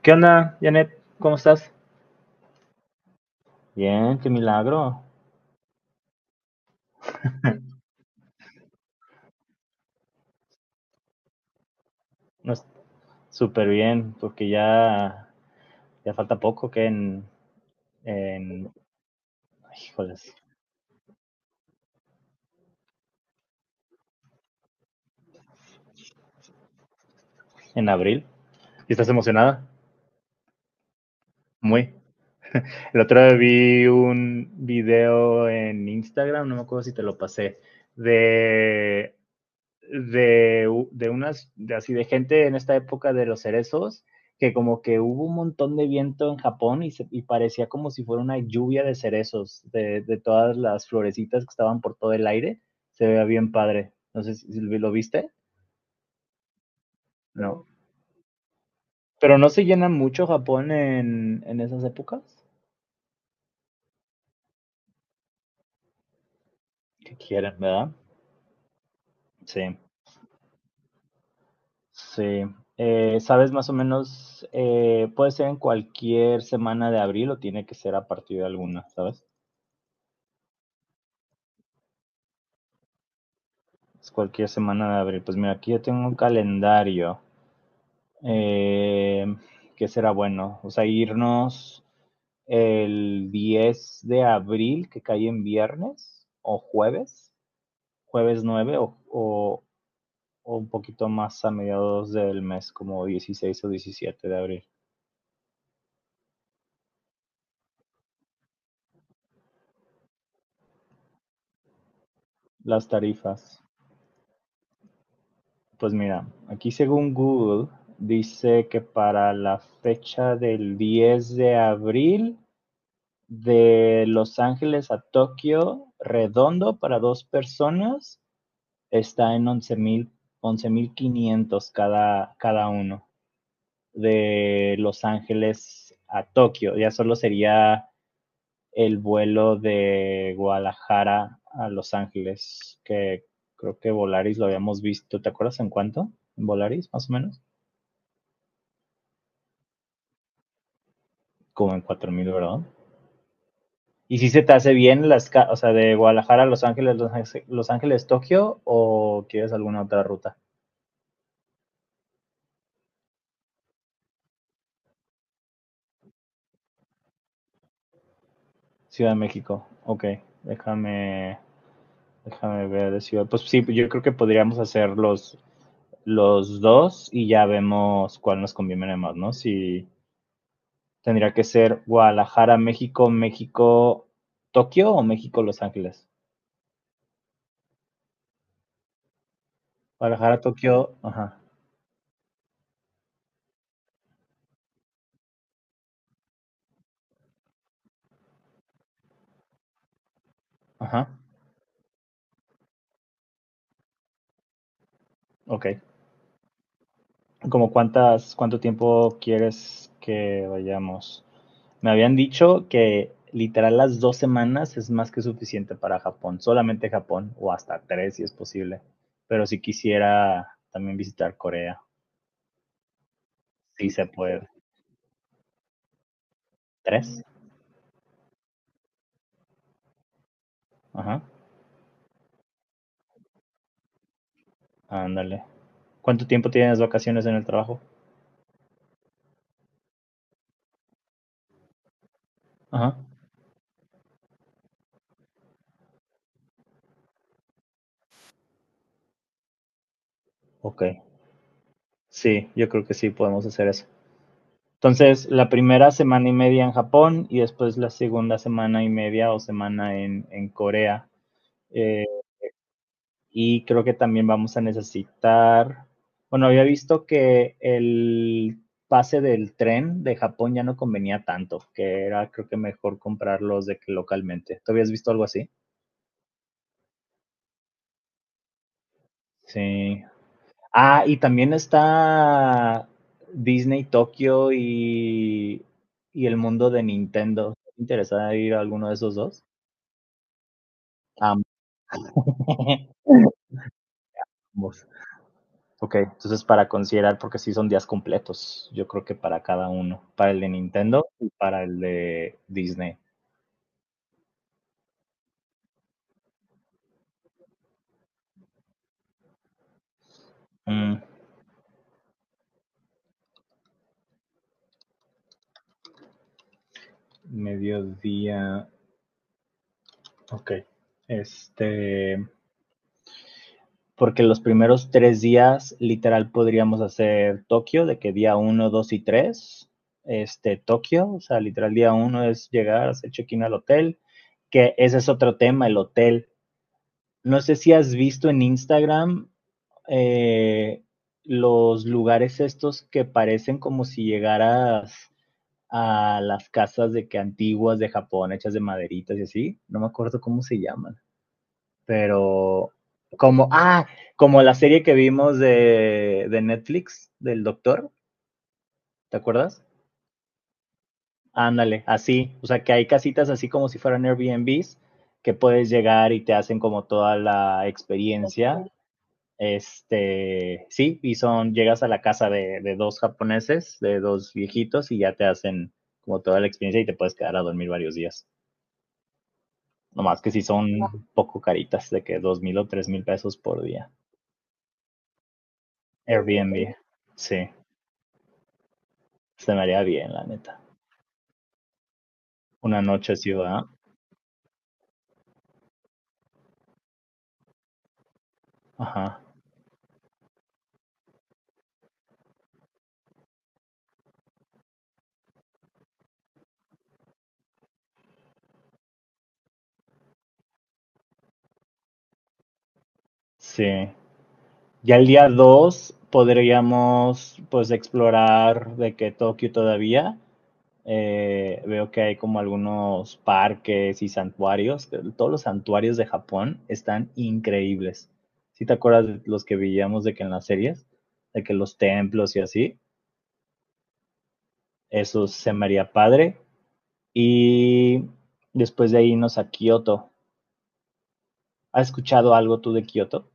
¿Qué onda, Janet? ¿Cómo estás? Bien, qué milagro. No. Súper bien, porque ya falta poco que en, ay, híjoles, en abril. ¿Y estás emocionada? Muy. El otro día vi un video en Instagram, no me acuerdo si te lo pasé, de de así de gente en esta época de los cerezos, que como que hubo un montón de viento en Japón y parecía como si fuera una lluvia de cerezos, todas las florecitas que estaban por todo el aire. Se veía bien padre. No sé si lo viste. No. Pero no se llena mucho Japón en esas épocas. Que quieren, ¿verdad? Sí. Sí. ¿Sabes más o menos? ¿Puede ser en cualquier semana de abril o tiene que ser a partir de alguna, ¿sabes? Es cualquier semana de abril. Pues mira, aquí yo tengo un calendario. Eh, que será bueno? O sea, irnos el 10 de abril, que cae en viernes o jueves, jueves 9 o un poquito más a mediados del mes, como 16 o 17 de abril. Las tarifas. Pues mira, aquí según Google dice que para la fecha del 10 de abril de Los Ángeles a Tokio, redondo para dos personas, está en 11,500 cada uno. De Los Ángeles a Tokio, ya solo sería el vuelo de Guadalajara a Los Ángeles, que creo que Volaris lo habíamos visto, ¿te acuerdas en cuánto? ¿En Volaris, más o menos? Como en 4,000, ¿verdad? ¿Y si se te hace bien las, o sea, de Guadalajara a Los Ángeles, Tokio o quieres alguna otra ruta? Ciudad de México. Ok, déjame, déjame ver de ciudad. Pues sí, yo creo que podríamos hacer los dos y ya vemos cuál nos conviene más, ¿no? Si tendría que ser Guadalajara, México, México, Tokio o México, Los Ángeles. Guadalajara, Tokio, ajá, ajá, ok. Como cuántas, cuánto tiempo quieres que vayamos. Me habían dicho que literal las 2 semanas es más que suficiente para Japón, solamente Japón, o hasta tres si es posible. Pero si quisiera también visitar Corea, si se puede. ¿Tres? Ajá, ándale. ¿Cuánto tiempo tienes vacaciones en el trabajo? Ajá, ok. Sí, yo creo que sí podemos hacer eso. Entonces, la primera semana y media en Japón y después la segunda semana y media o semana en Corea. Eh, y creo que también vamos a necesitar, bueno, había visto que el pase del tren de Japón ya no convenía tanto, que era creo que mejor comprarlos de que localmente. ¿Tú habías visto algo así? Sí. Ah, y también está Disney Tokio y el mundo de Nintendo. ¿Te interesada ir a alguno de esos dos? Ambos. Ambos. Ok, entonces para considerar, porque sí son días completos, yo creo que para cada uno, para el de Nintendo y para el de Disney. Mm, mediodía, ok. Este, porque los primeros 3 días, literal, podríamos hacer Tokio, de que día uno, 2 y 3. Tokio, o sea, literal, día uno es llegar, hacer check-in al hotel, que ese es otro tema, el hotel. No sé si has visto en Instagram eh, los lugares estos que parecen como si llegaras a las casas de que antiguas de Japón, hechas de maderitas y así, no me acuerdo cómo se llaman, pero como, ah, como la serie que vimos de Netflix, del doctor, ¿te acuerdas? Ándale, así, o sea que hay casitas así como si fueran Airbnbs que puedes llegar y te hacen como toda la experiencia. Sí, y son, llegas a la casa de dos japoneses, de dos viejitos, y ya te hacen como toda la experiencia y te puedes quedar a dormir varios días. Nomás que si sí son un poco caritas, de que 2,000 o 3,000 pesos por día. Airbnb, sí, se me haría bien, la neta. Una noche ciudad, ajá, sí. Ya el día 2 podríamos pues explorar de que Tokio todavía. Veo que hay como algunos parques y santuarios. Todos los santuarios de Japón están increíbles. Si te acuerdas de los que veíamos de que en las series, de que los templos y así, eso se me haría padre. Y después de ahí irnos a Kioto. ¿Has escuchado algo tú de Kioto?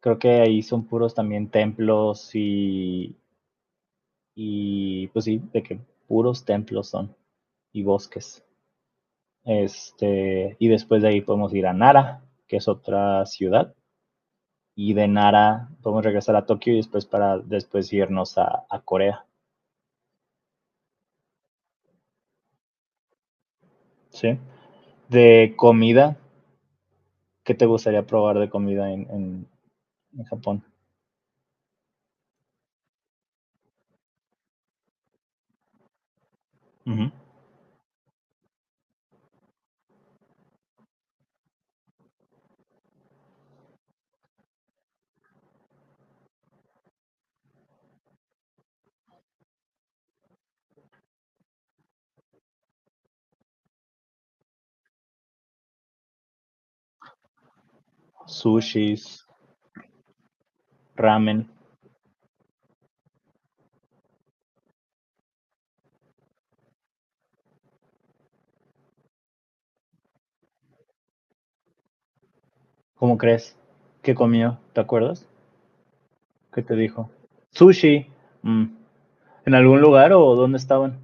Creo que ahí son puros también templos. Y pues sí, de que puros templos son y bosques. Y después de ahí podemos ir a Nara, que es otra ciudad. Y de Nara podemos regresar a Tokio y después para después irnos a Corea. ¿Sí? De comida, ¿qué te gustaría probar de comida en Japón? Uh -huh. Sushis, ramen. ¿Cómo crees? ¿Qué comió? ¿Te acuerdas? ¿Qué te dijo? Sushi. Mm. ¿En algún lugar o dónde estaban?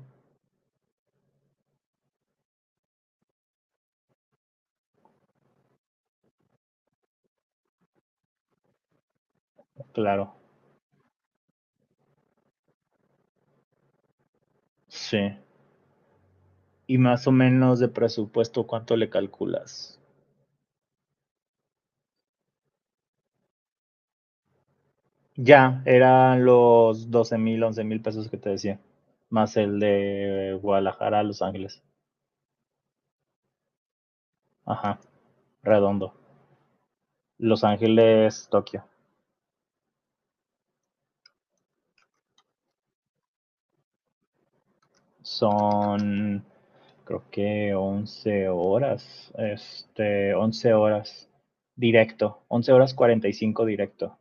Claro. Sí. Y más o menos de presupuesto, ¿cuánto le calculas? Ya, eran los 12,000, 11,000 pesos que te decía. Más el de Guadalajara a Los Ángeles. Ajá, redondo. Los Ángeles, Tokio. Son, creo que 11 horas. Once horas directo. 11 horas 45 directo.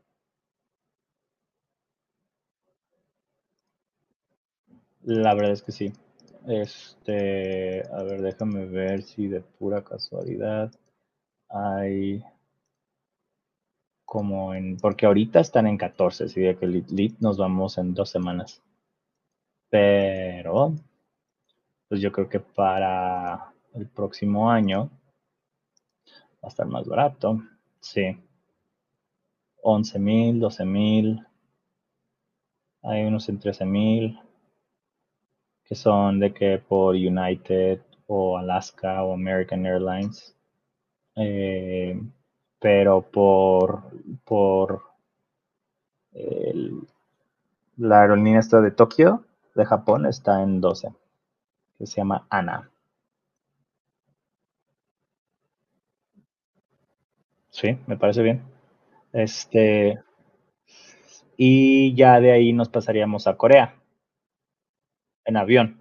La verdad es que sí. A ver, déjame ver si de pura casualidad. Hay como en, porque ahorita están en 14, sería que Elite League nos vamos en 2 semanas. Pero, pues yo creo que para el próximo año va a estar más barato. Sí, 11,000, 12,000, hay unos en 13,000, que son de que por United o Alaska o American Airlines. Eh, pero por el- la aerolínea esta de Tokio, de Japón, está en 12. Que se llama Ana. Sí, me parece bien. Este, y ya de ahí nos pasaríamos a Corea, en avión.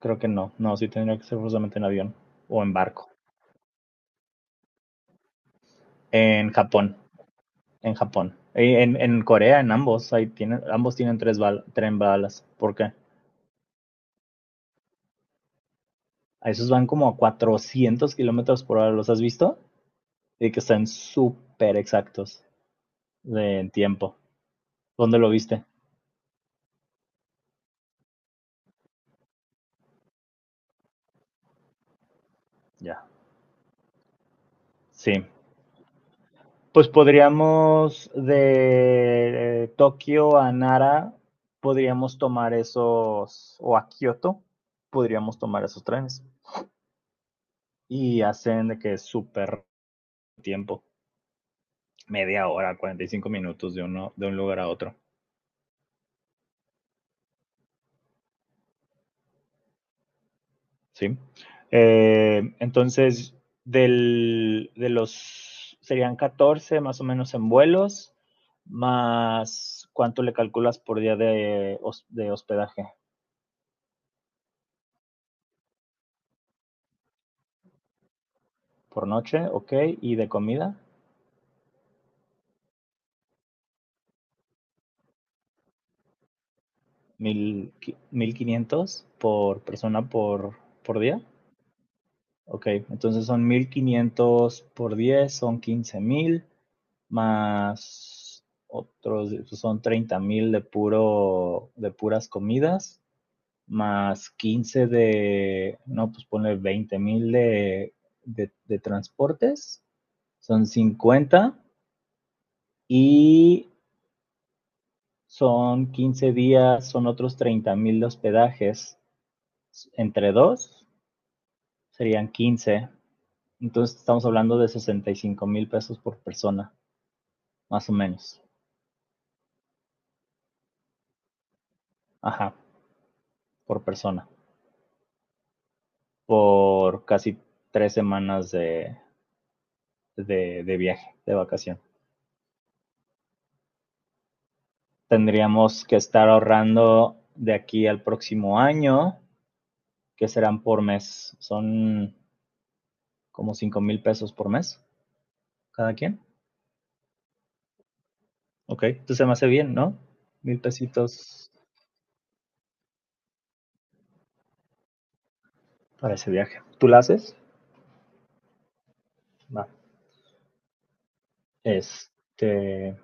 Creo que no, no, sí tendría que ser forzosamente en avión o en barco. En Japón, en Japón. En Corea, en ambos, ahí tienen, ambos tienen, tren balas. ¿Por qué? A esos van como a 400 kilómetros por hora, ¿los has visto? Y que están súper exactos de, tiempo. ¿Dónde lo viste? Ya. Sí. Pues podríamos de Tokio a Nara, podríamos tomar esos, o a Kioto, podríamos tomar esos trenes. Y hacen de que es súper tiempo, media hora, 45 minutos de, uno, de un lugar a otro, ¿sí? Entonces, del, de los, serían 14 más o menos en vuelos, más cuánto le calculas por día de hospedaje. Por noche, ok, y de comida, 1,500 por persona por día, ok, entonces son 1,500 por 10 son 15,000 más otros, pues son 30,000 de puras comidas, más 15 de, no, pues ponle 20,000 de transportes, son 50 y son 15 días, son otros 30,000 de hospedajes, entre dos serían quince. Entonces estamos hablando de 65,000 pesos por persona, más o menos. Ajá, por persona. Por casi 3 semanas de viaje, de vacación. Tendríamos que estar ahorrando de aquí al próximo año, que serán por mes. Son como 5,000 pesos por mes, cada quien. Ok, entonces se me hace bien, ¿no? Mil pesitos para ese viaje. ¿Tú la haces? Va. Este,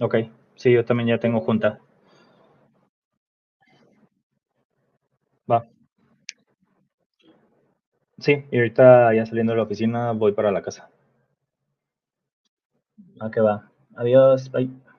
ok. Sí, yo también ya tengo junta. Va. Sí, y ahorita ya saliendo de la oficina voy para la casa. Ah, que va. Adiós. Bye.